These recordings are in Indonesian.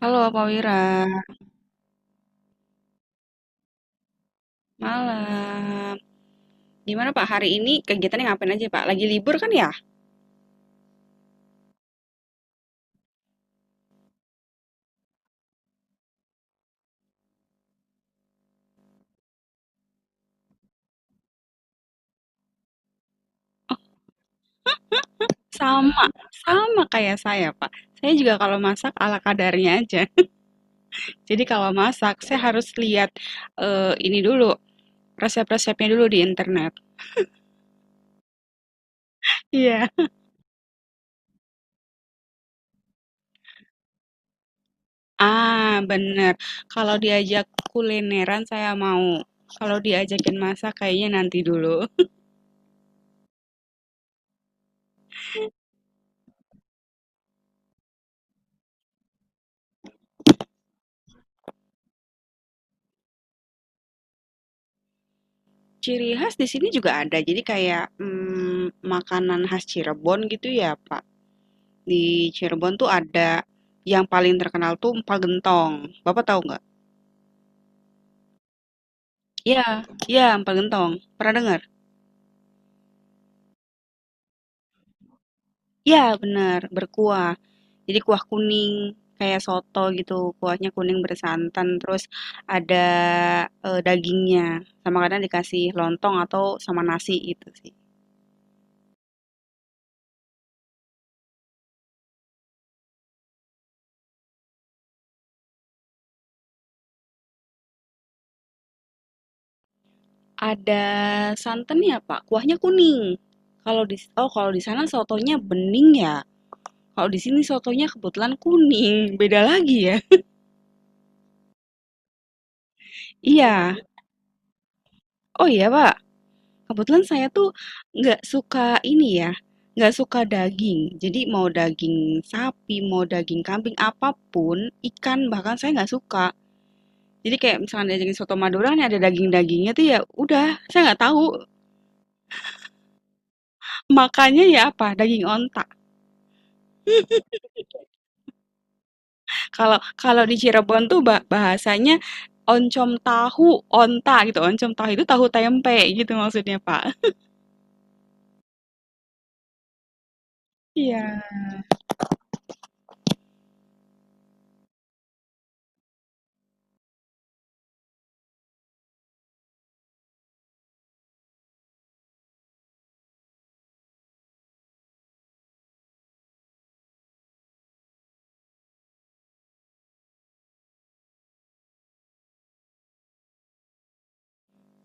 Halo Pak Wira, malam. Gimana Pak, hari ini kegiatannya ngapain aja Pak? Lagi libur kan ya? Sama, sama kayak saya Pak. Saya juga kalau masak ala kadarnya aja. Jadi kalau masak, saya harus lihat ini dulu, resep-resepnya dulu di internet. Iya. Ah, bener. Kalau diajak kulineran saya mau. Kalau diajakin masak kayaknya nanti dulu. Ciri khas di sini juga ada, jadi kayak makanan khas Cirebon gitu ya Pak. Di Cirebon tuh ada yang paling terkenal tuh empal gentong. Bapak tahu nggak? Iya, iya empal gentong. Pernah dengar? Iya, benar, berkuah. Jadi kuah kuning kayak soto gitu. Kuahnya kuning bersantan terus ada dagingnya. Sama kadang dikasih lontong atau sama nasi gitu sih. Ada santannya, Pak. Kuahnya kuning. Kalau di oh kalau di sana sotonya bening ya. Kalau di sini sotonya kebetulan kuning. Beda lagi ya. Iya. Oh iya Pak, kebetulan saya tuh nggak suka ini ya, nggak suka daging. Jadi mau daging sapi, mau daging kambing, apapun, ikan bahkan saya nggak suka. Jadi kayak misalnya ada daging soto Madura nih ada daging-dagingnya tuh ya udah, saya nggak tahu makannya ya apa, daging onta. Kalau kalau di Cirebon tuh bahasanya oncom tahu onta gitu, oncom tahu itu tahu tempe gitu maksudnya Pak. Iya.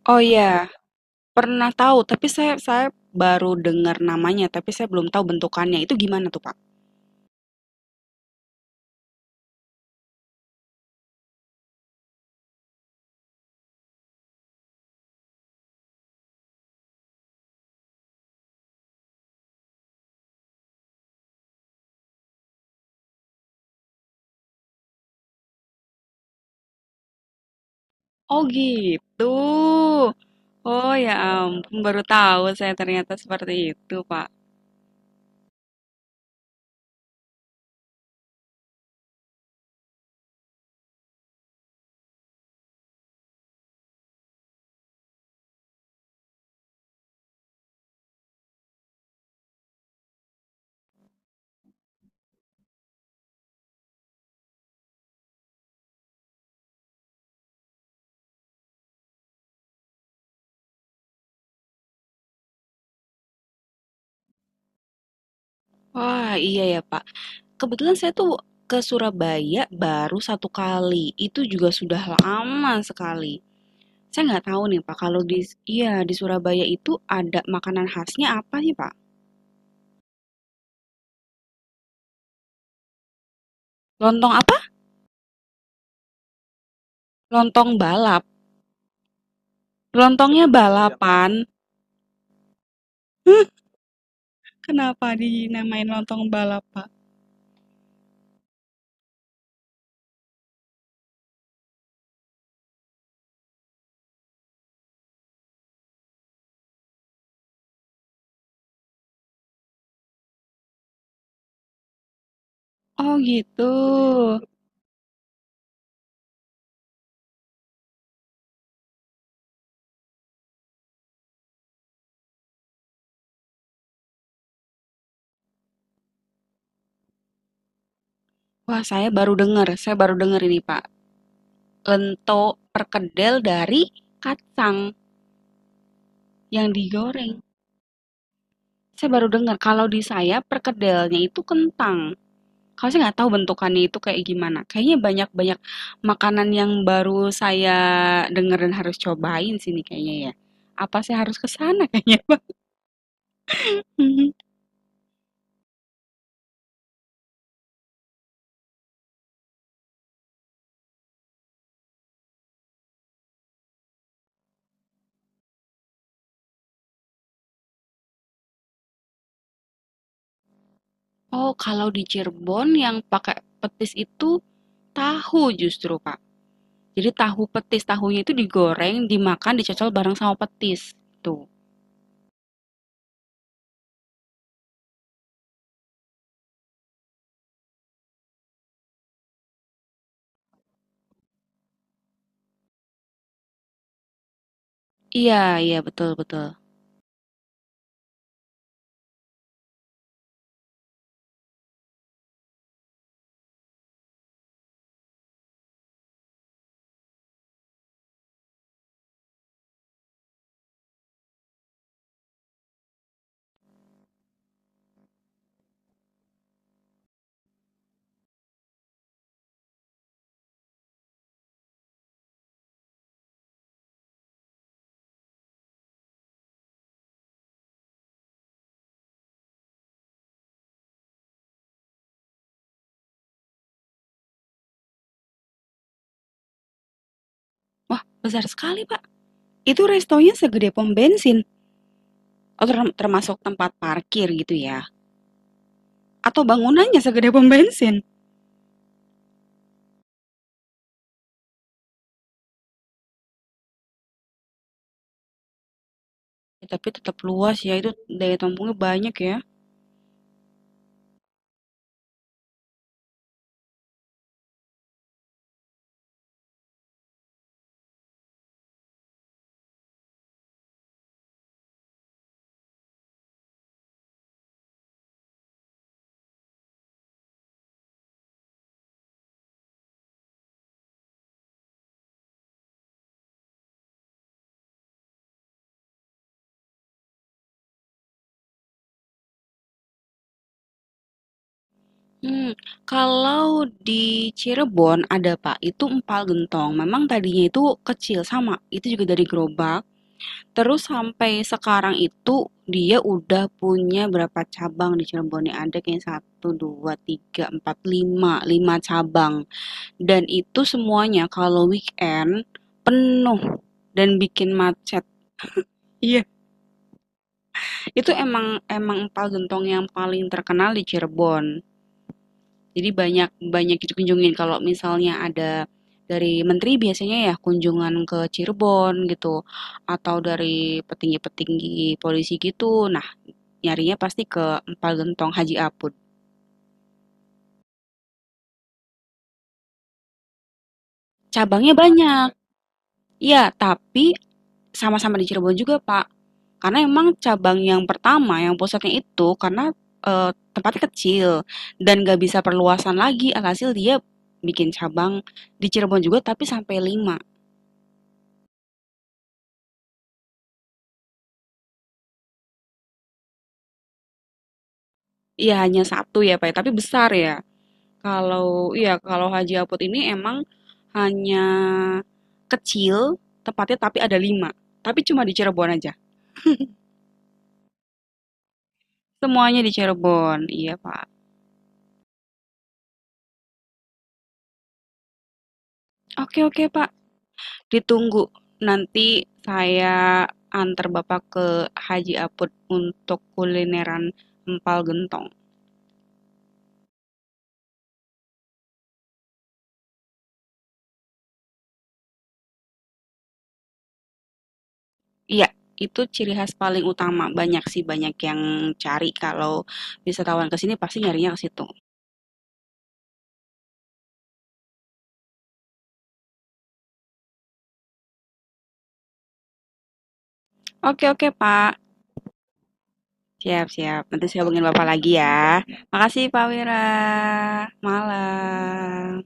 Oh iya. Pernah tahu, tapi saya baru dengar namanya, tapi saya belum tahu bentukannya. Itu gimana tuh, Pak? Oh, gitu. Oh, ya ampun, baru tahu saya ternyata seperti itu, Pak. Wah, iya ya, Pak. Kebetulan saya tuh ke Surabaya baru satu kali. Itu juga sudah lama sekali. Saya nggak tahu nih, Pak, kalau di iya, di Surabaya itu ada makanan khasnya apa sih, Pak? Lontong apa? Lontong balap. Lontongnya balapan. Kenapa dinamain lontong balap, Pak? Oh gitu. Wah, saya baru dengar. Saya baru dengar ini, Pak. Lento perkedel dari kacang yang digoreng. Saya baru dengar kalau di saya perkedelnya itu kentang. Kalau saya nggak tahu bentukannya itu kayak gimana. Kayaknya banyak-banyak makanan yang baru saya dengar dan harus cobain sini kayaknya ya. Apa saya harus ke sana kayaknya, Pak? Mhm. Oh, kalau di Cirebon yang pakai petis itu tahu justru, Pak. Jadi tahu petis, tahunya itu digoreng, dimakan, dicocol bareng sama petis. Tuh. Iya, iya betul betul. Wah, besar sekali, Pak. Itu restonya segede pom bensin atau termasuk tempat parkir gitu ya? Atau bangunannya segede pom bensin? Ya, tapi tetap luas ya, itu daya tampungnya banyak ya. Hmm, kalau di Cirebon ada Pak, itu empal gentong. Memang tadinya itu kecil sama, itu juga dari gerobak. Terus sampai sekarang itu dia udah punya berapa cabang di Cirebon nih? Ada kayak satu, 2, 3, 4, 5, 5 cabang. Dan itu semuanya kalau weekend penuh dan bikin macet. Iya, itu emang emang empal gentong yang paling terkenal di Cirebon. Jadi banyak banyak dikunjungin kalau misalnya ada dari menteri biasanya ya kunjungan ke Cirebon gitu atau dari petinggi-petinggi polisi gitu. Nah, nyarinya pasti ke Empal Gentong Haji Apud. Cabangnya banyak. Iya, tapi sama-sama di Cirebon juga, Pak. Karena emang cabang yang pertama, yang pusatnya itu karena tempatnya kecil dan gak bisa perluasan lagi, alhasil dia bikin cabang di Cirebon juga tapi sampai 5. Iya hanya satu ya Pak, ya. Tapi besar ya. Iya, kalau Haji Apot ini emang hanya kecil tempatnya tapi ada lima. Tapi cuma di Cirebon aja. Semuanya di Cirebon, iya Pak. Oke oke Pak, ditunggu. Nanti saya antar Bapak ke Haji Apot untuk kulineran empal gentong. Iya, itu ciri khas paling utama. Banyak sih banyak yang cari kalau wisatawan ke sini pasti nyarinya ke situ. Oke oke Pak. Siap, siap. Nanti saya hubungin Bapak lagi ya. Makasih Pak Wira. Malam.